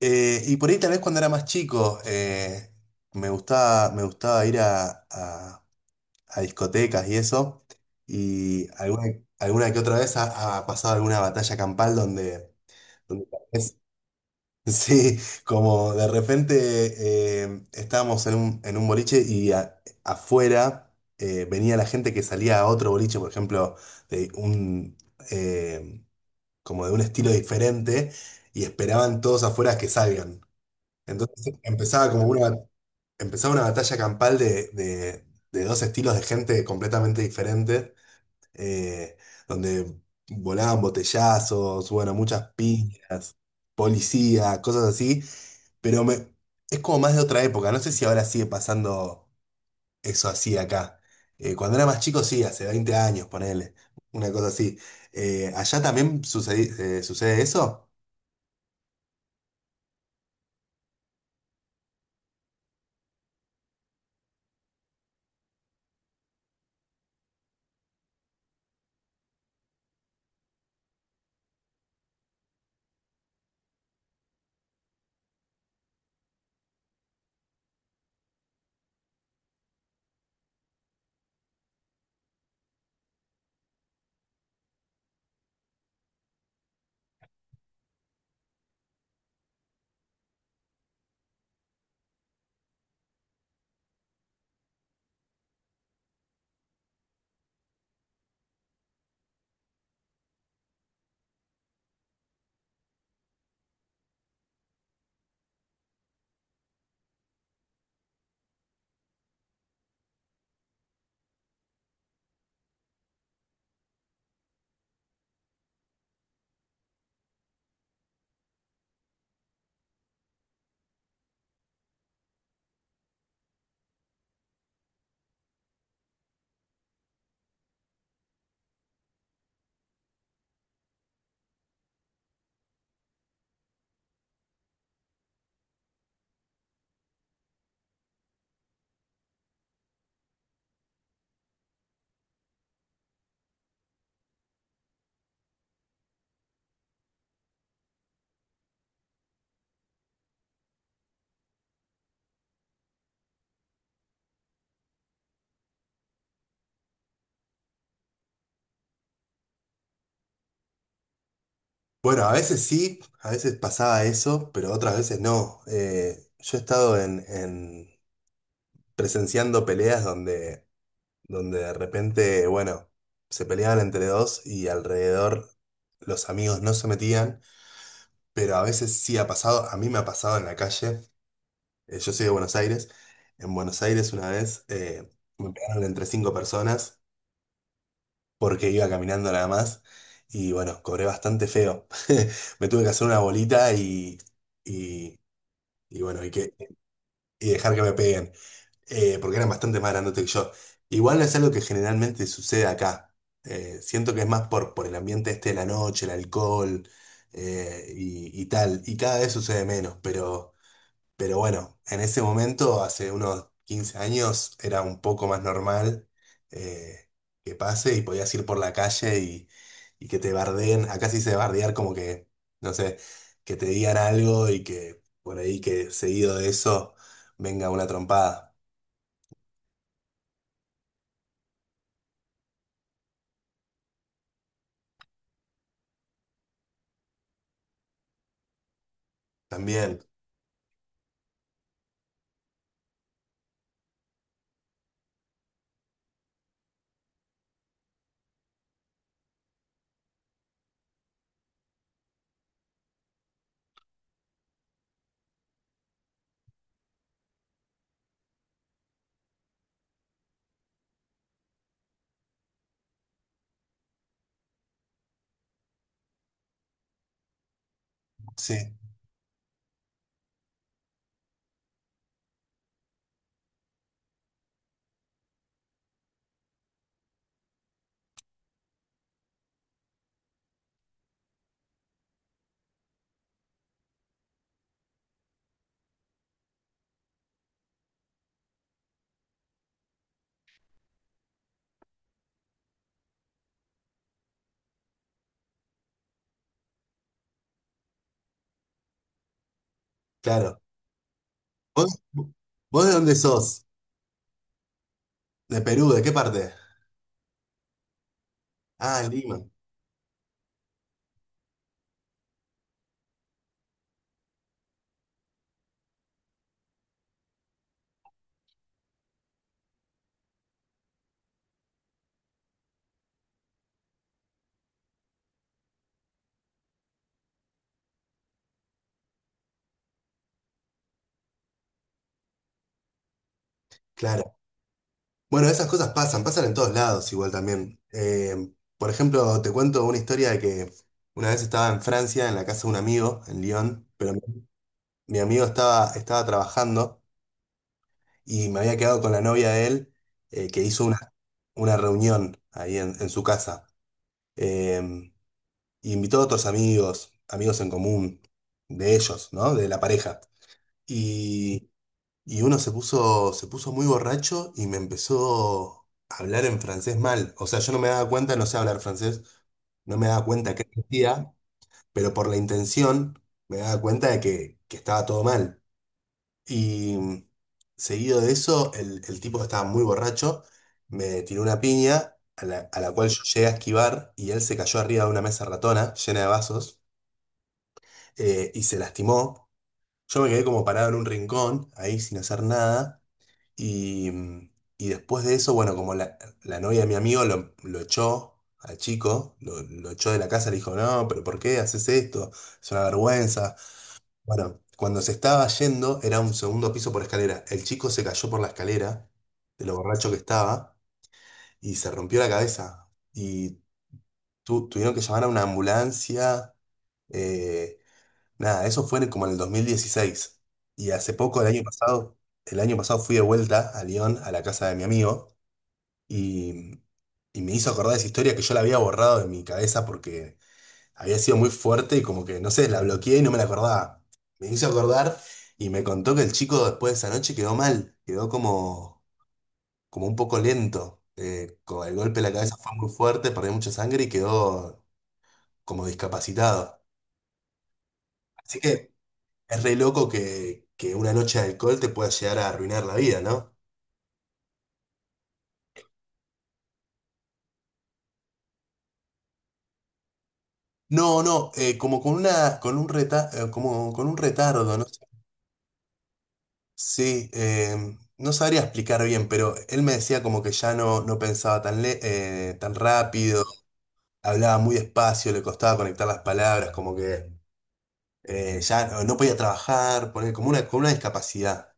Y por ahí tal vez cuando era más chico me gustaba ir a discotecas y eso. Y alguna que otra vez ha pasado alguna batalla campal donde tal vez- sí, como de repente estábamos en un boliche y afuera venía la gente que salía a otro boliche, por ejemplo, de un, eh, como de un estilo diferente, y esperaban todos afuera que salgan. Entonces empezaba una batalla campal de dos estilos de gente completamente diferentes, eh, donde volaban botellazos, bueno, muchas piñas, policía, cosas así, pero me, es como más de otra época, no sé si ahora sigue pasando eso así acá. Cuando era más chico, sí, hace 20 años, ponele, una cosa así. ¿Allá también sucede, sucede eso? Bueno, a veces sí, a veces pasaba eso, pero otras veces no. Yo he estado presenciando peleas donde de repente, bueno, se peleaban entre dos y alrededor los amigos no se metían, pero a veces sí ha pasado, a mí me ha pasado en la calle. Yo soy de Buenos Aires. En Buenos Aires una vez me pegaron entre 5 personas porque iba caminando nada más y bueno, cobré bastante feo. Me tuve que hacer una bolita y... y Y bueno, y dejar que me peguen, porque eran bastante más grandotes que yo. Igual no es algo que generalmente sucede acá. Siento que es más por el ambiente este de la noche, el alcohol y tal. Y cada vez sucede menos, pero... Pero bueno, en ese momento, hace unos 15 años, era un poco más normal, eh, que pase, y podías ir por la calle y que te bardeen. Acá sí se bardear, como que, no sé, que te digan algo y que por ahí que seguido de eso venga una trompada. También, sí, claro. ¿Vos, vos de dónde sos? ¿De Perú? ¿De qué parte? Ah, Lima, claro. Bueno, esas cosas pasan, pasan en todos lados igual también. Por ejemplo, te cuento una historia de que una vez estaba en Francia, en la casa de un amigo, en Lyon, pero mi amigo estaba trabajando y me había quedado con la novia de él, que hizo una reunión ahí en su casa. Eh, invitó a otros amigos, amigos en común, de ellos, ¿no? De la pareja. y Y se puso muy borracho y me empezó a hablar en francés mal. O sea, yo no me daba cuenta, no sé hablar francés, no me daba cuenta qué decía, pero por la intención me daba cuenta de que estaba todo mal. Y seguido de eso, el tipo que estaba muy borracho me tiró una piña a a la cual yo llegué a esquivar, y él se cayó arriba de una mesa ratona llena de vasos, y se lastimó. Yo me quedé como parado en un rincón, ahí sin hacer nada. Y, mm, y después de eso, bueno, como la novia de mi amigo lo echó al chico, lo echó de la casa, le dijo, no, pero ¿por qué haces esto? Es una vergüenza. Bueno, cuando se estaba yendo, era un segundo piso por escalera. El chico se cayó por la escalera, de lo borracho que estaba, y se rompió la cabeza. Y tuvieron que llamar a una ambulancia. Eh, nada, eso fue como en el 2016. Y hace poco, el año pasado fui de vuelta a Lyon, a la casa de mi amigo. Y, y me hizo acordar esa historia que yo la había borrado de mi cabeza porque había sido muy fuerte y como que, no sé, la bloqueé y no me la acordaba. Me hizo acordar y me contó que el chico después de esa noche quedó mal, quedó como, como un poco lento. Eh, el golpe en la cabeza fue muy fuerte, perdió mucha sangre y quedó como discapacitado. Así que es re loco que una noche de alcohol te pueda llegar a arruinar la vida, ¿no? No, no, con un reta, como con un retardo, ¿no? Sí, no sabría explicar bien, pero él me decía como que ya no pensaba tan, tan rápido, hablaba muy despacio, le costaba conectar las palabras, como que ya no podía trabajar, poner como una discapacidad.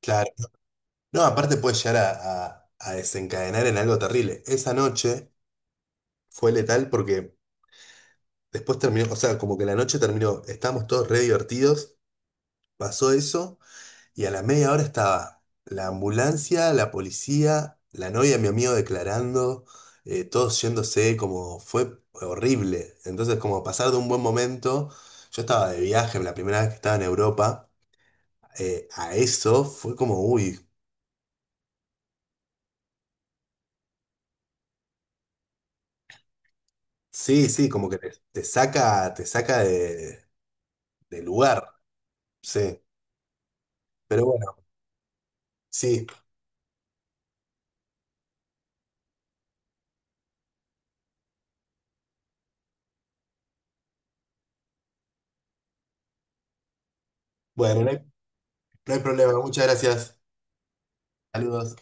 Claro. No, aparte puede llegar a desencadenar en algo terrible. Esa noche fue letal porque después terminó, o sea, como que la noche terminó, estábamos todos re divertidos, pasó eso. Y a la media hora estaba la ambulancia, la policía, la novia de mi amigo declarando, todos yéndose, como fue horrible. Entonces, como pasar de un buen momento, yo estaba de viaje, la primera vez que estaba en Europa, a eso fue como, uy, sí, sí, como que te saca de lugar, sí. Pero bueno, sí, bueno, no hay problema, muchas gracias. Saludos.